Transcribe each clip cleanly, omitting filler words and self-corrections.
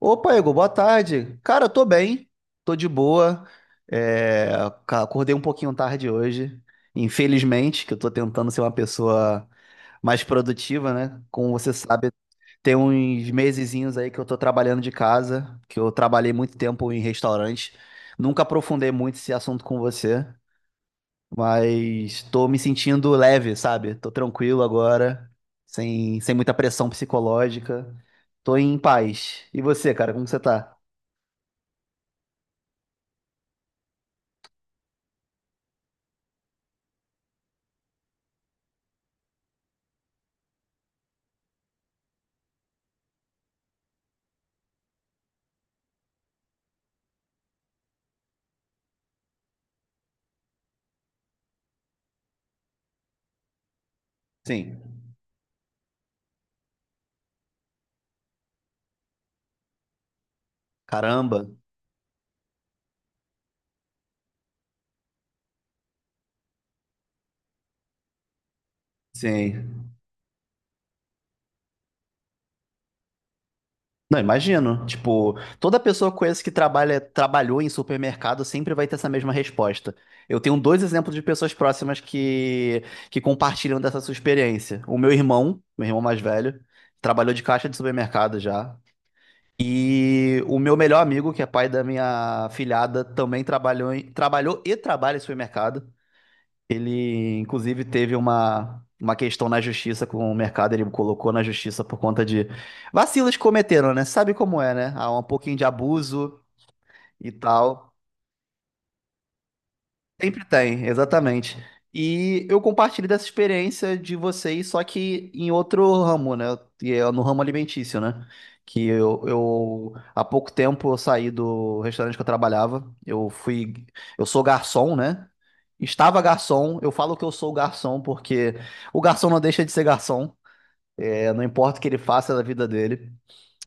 Opa, Igor, boa tarde. Cara, eu tô bem, tô de boa. É, Acordei um pouquinho tarde hoje, infelizmente, que eu tô tentando ser uma pessoa mais produtiva, né? Como você sabe, tem uns mesezinhos aí que eu tô trabalhando de casa, que eu trabalhei muito tempo em restaurante. Nunca aprofundei muito esse assunto com você, mas tô me sentindo leve, sabe? Tô tranquilo agora, sem muita pressão psicológica. Tô em paz. E você, cara, como você tá? Sim. Caramba. Sim. Não, imagino. Tipo, toda pessoa que eu conheço que trabalha, trabalhou em supermercado sempre vai ter essa mesma resposta. Eu tenho dois exemplos de pessoas próximas que compartilham dessa sua experiência. O meu irmão mais velho, trabalhou de caixa de supermercado já. E o meu melhor amigo, que é pai da minha filhada, também trabalhou e trabalha em supermercado. Ele, inclusive, teve uma questão na justiça com o mercado, ele colocou na justiça por conta de vacilos que cometeram, né? Sabe como é, né? Há um pouquinho de abuso e tal. Sempre tem, exatamente. E eu compartilho dessa experiência de vocês, só que em outro ramo, né? E é no ramo alimentício, né? Que eu há pouco tempo eu saí do restaurante que eu trabalhava. Eu fui, eu sou garçom, né? Estava garçom, eu falo que eu sou garçom porque o garçom não deixa de ser garçom. É, não importa o que ele faça da vida dele.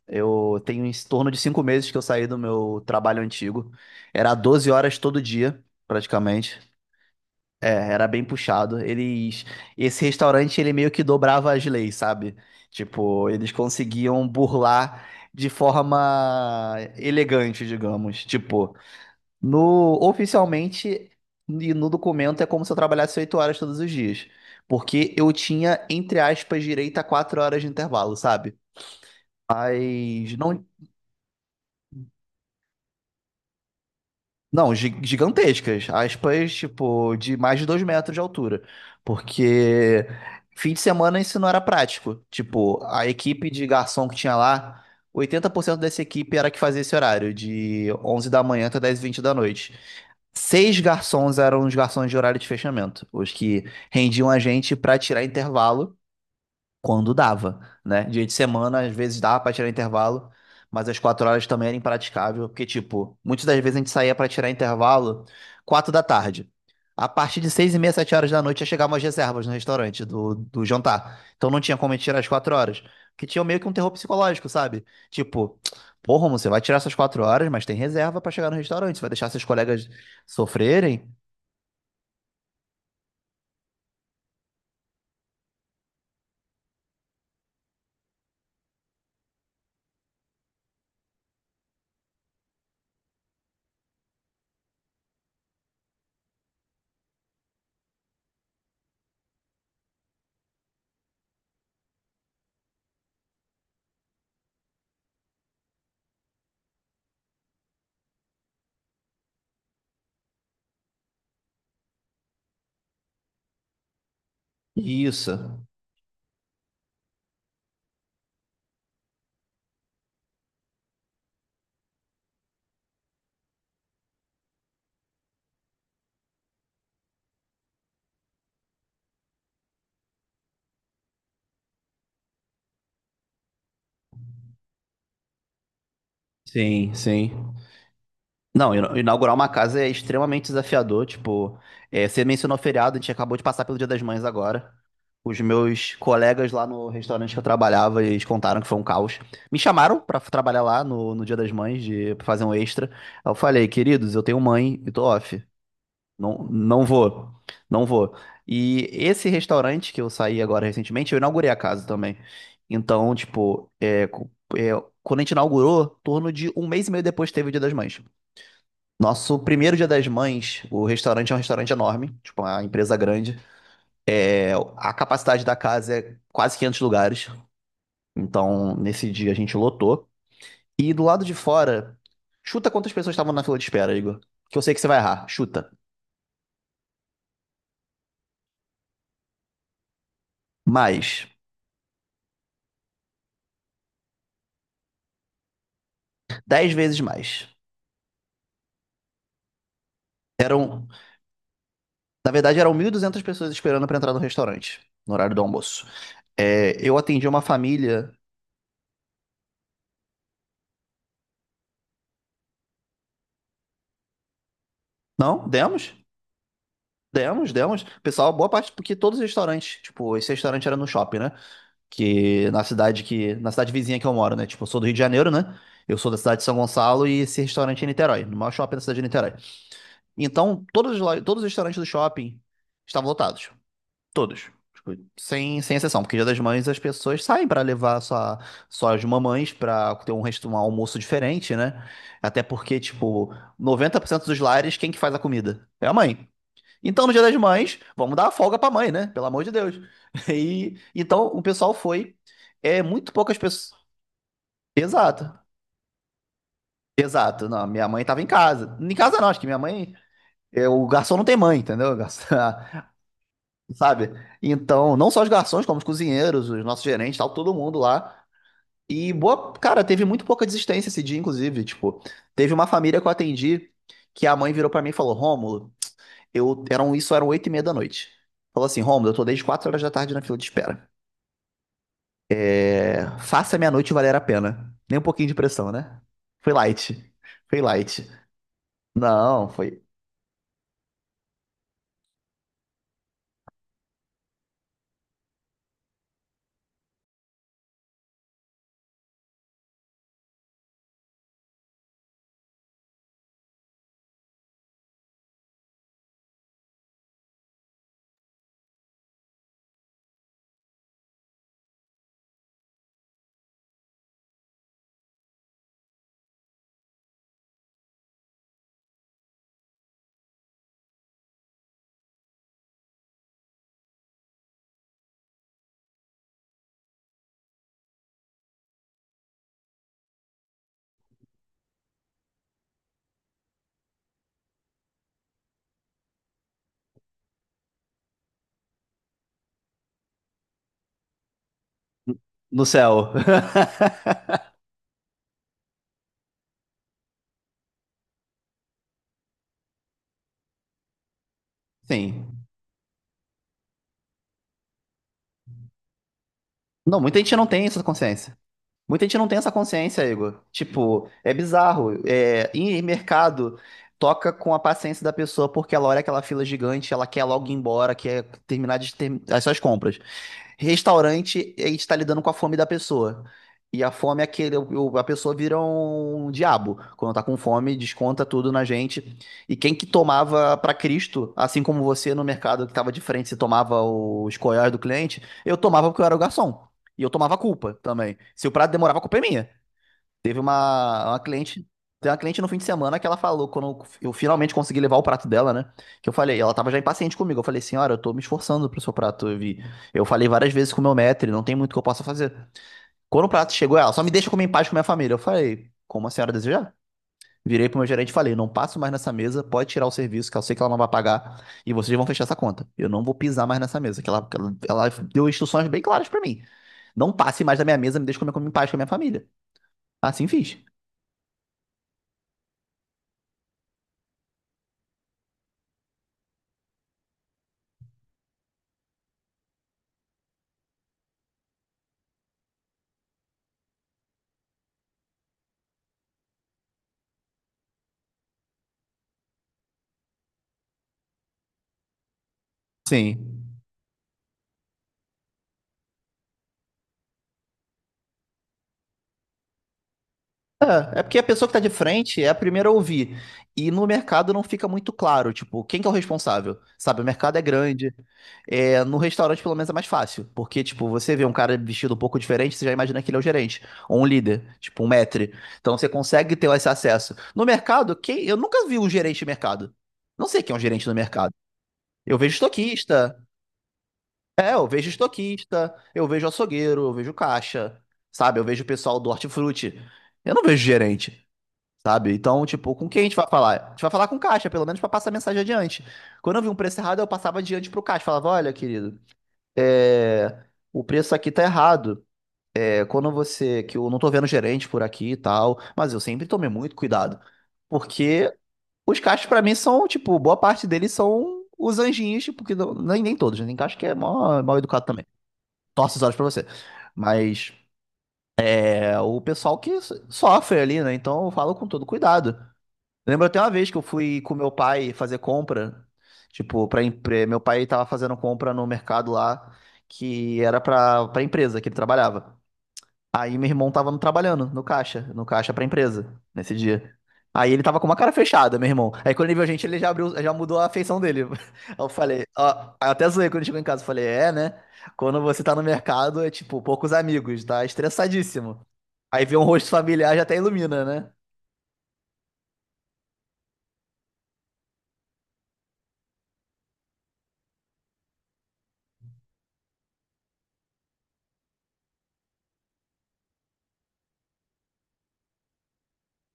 Eu tenho em torno de 5 meses que eu saí do meu trabalho antigo. Era 12 horas todo dia, praticamente. É, era bem puxado. Eles, esse restaurante ele meio que dobrava as leis, sabe? Tipo, eles conseguiam burlar de forma elegante, digamos. Tipo, no oficialmente e no documento é como se eu trabalhasse 8 horas todos os dias, porque eu tinha entre aspas direito a 4 horas de intervalo, sabe? Mas não. Não, gigantescas. Aspas, tipo, de mais de 2 metros de altura. Porque fim de semana isso não era prático. Tipo, a equipe de garçom que tinha lá, 80% dessa equipe era que fazia esse horário, de 11 da manhã até 10 e 20 da noite. Seis garçons eram os garçons de horário de fechamento, os que rendiam a gente pra tirar intervalo quando dava, né? Dia de semana, às vezes dava pra tirar intervalo, mas às 4 horas também era impraticável, porque, tipo, muitas das vezes a gente saía pra tirar intervalo quatro da tarde. A partir de 6h30, 7 horas da noite, já chegavam as reservas no restaurante do jantar. Então não tinha como a gente tirar as 4 horas. Porque tinha meio que um terror psicológico, sabe? Tipo, porra, Romulo, você vai tirar essas 4 horas, mas tem reserva pra chegar no restaurante. Você vai deixar seus colegas sofrerem? Isso. Sim, sim. Não, inaugurar uma casa é extremamente desafiador. Tipo, é, você mencionou feriado, a gente acabou de passar pelo Dia das Mães agora. Os meus colegas lá no restaurante que eu trabalhava, eles contaram que foi um caos. Me chamaram pra trabalhar lá no Dia das Mães, de pra fazer um extra. Aí eu falei, queridos, eu tenho mãe e tô off. Não, não vou, não vou. E esse restaurante que eu saí agora recentemente, eu inaugurei a casa também. Então, tipo, é, quando a gente inaugurou, torno de um mês e meio depois teve o Dia das Mães. Nosso primeiro Dia das Mães, o restaurante é um restaurante enorme, tipo uma empresa grande. É, a capacidade da casa é quase 500 lugares, então nesse dia a gente lotou. E do lado de fora, chuta quantas pessoas estavam na fila de espera, Igor. Que eu sei que você vai errar, chuta. Mais, 10 vezes mais. Eram, na verdade, eram 1.200 pessoas esperando pra entrar no restaurante, no horário do almoço. É, eu atendi uma família. Não, demos? Demos, demos. Pessoal, boa parte, porque todos os restaurantes, tipo, esse restaurante era no shopping, né? Que na cidade vizinha que eu moro, né? Tipo, eu sou do Rio de Janeiro, né? Eu sou da cidade de São Gonçalo e esse restaurante é em Niterói, no maior shopping da cidade de Niterói. Então, todos os restaurantes do shopping estavam lotados, todos. Tipo, sem, sem exceção, porque Dia das Mães as pessoas saem pra levar suas mamães pra ter um, resto, um almoço diferente, né? Até porque, tipo, 90% dos lares, quem que faz a comida? É a mãe. Então, no Dia das Mães, vamos dar a folga pra mãe, né? Pelo amor de Deus. E, então, o pessoal foi. É, muito poucas pessoas. Exato. Exato. Não, minha mãe tava em casa. Em casa não, acho que minha mãe. É, o garçom não tem mãe, entendeu? Garçom- Sabe? Então, não só os garçons, como os cozinheiros, os nossos gerentes, tal, todo mundo lá. E boa, cara, teve muito pouca desistência esse dia, inclusive. Tipo, teve uma família que eu atendi que a mãe virou pra mim e falou: Rômulo. Eu, eram, isso eram 20h30. Falou assim, Rômulo, eu tô desde 16 horas da tarde na fila de espera. É, faça a minha noite valer a pena. Nem um pouquinho de pressão, né? Foi light. Foi light. Não, foi no céu. Sim. Não, muita gente não tem essa consciência. Muita gente não tem essa consciência, Igor. Tipo, é bizarro. É, em mercado, toca com a paciência da pessoa porque ela olha aquela fila gigante, ela quer logo ir embora, quer terminar de ter as suas compras. Restaurante, a gente tá lidando com a fome da pessoa. E a fome é aquele, a pessoa vira um diabo. Quando tá com fome, desconta tudo na gente. E quem que tomava pra Cristo, assim como você no mercado que tava de frente, você tomava os coiós do cliente, eu tomava porque eu era o garçom. E eu tomava a culpa também. Se o prato demorava, a culpa é minha. Teve uma cliente, tem uma cliente no fim de semana que ela falou, quando eu finalmente consegui levar o prato dela, né? Que eu falei, ela tava já impaciente comigo. Eu falei, senhora, eu tô me esforçando pro seu prato. Eu vi, eu falei várias vezes com o meu maître, não tem muito que eu possa fazer. Quando o prato chegou, ela só me deixa comer em paz com a minha família. Eu falei, como a senhora desejar? Virei pro meu gerente e falei, não passo mais nessa mesa, pode tirar o serviço, que eu sei que ela não vai pagar, e vocês vão fechar essa conta. Eu não vou pisar mais nessa mesa, que ela deu instruções bem claras pra mim. Não passe mais da minha mesa, me deixe comer, comer em paz com a minha família. Assim fiz. Sim. É, é porque a pessoa que tá de frente é a primeira a ouvir. E no mercado não fica muito claro, tipo, quem que é o responsável? Sabe, o mercado é grande. É, no restaurante, pelo menos, é mais fácil. Porque, tipo, você vê um cara vestido um pouco diferente, você já imagina que ele é o gerente. Ou um líder, tipo, um maître. Então você consegue ter esse acesso. No mercado, quem… eu nunca vi um gerente de mercado. Não sei quem é um gerente no mercado. Eu vejo estoquista. É, eu vejo estoquista. Eu vejo açougueiro. Eu vejo caixa. Sabe, eu vejo o pessoal do hortifruti. Eu não vejo gerente. Sabe? Então, tipo, com quem a gente vai falar? A gente vai falar com o caixa, pelo menos pra passar a mensagem adiante. Quando eu vi um preço errado, eu passava adiante pro caixa. Falava, olha, querido, é, o preço aqui tá errado. É, quando você… Que eu não tô vendo gerente por aqui e tal. Mas eu sempre tomei muito cuidado. Porque os caixas, pra mim, são, tipo… Boa parte deles são os anjinhos, tipo… Que não- nem, nem todos, né? Tem caixa que é mal, mal educado também. Torce os olhos pra você. Mas é o pessoal que sofre ali, né? Então eu falo com todo cuidado. Lembro até uma vez que eu fui com meu pai fazer compra, tipo, para meu pai tava fazendo compra no mercado lá que era pra para empresa que ele trabalhava. Aí meu irmão tava trabalhando no caixa, no caixa pra empresa nesse dia. Aí ele tava com uma cara fechada, meu irmão. Aí quando ele viu a gente, ele já abriu, já mudou a feição dele. Aí eu falei, ó, aí eu até zoei quando chegou em casa, eu falei, é, né? Quando você tá no mercado é tipo poucos amigos, tá estressadíssimo. Aí vê um rosto familiar já até ilumina, né?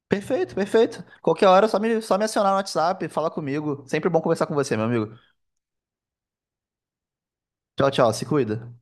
Perfeito, perfeito. Qualquer hora, é só me acionar no WhatsApp, falar comigo. Sempre bom conversar com você, meu amigo. Tchau, tchau. Se cuida.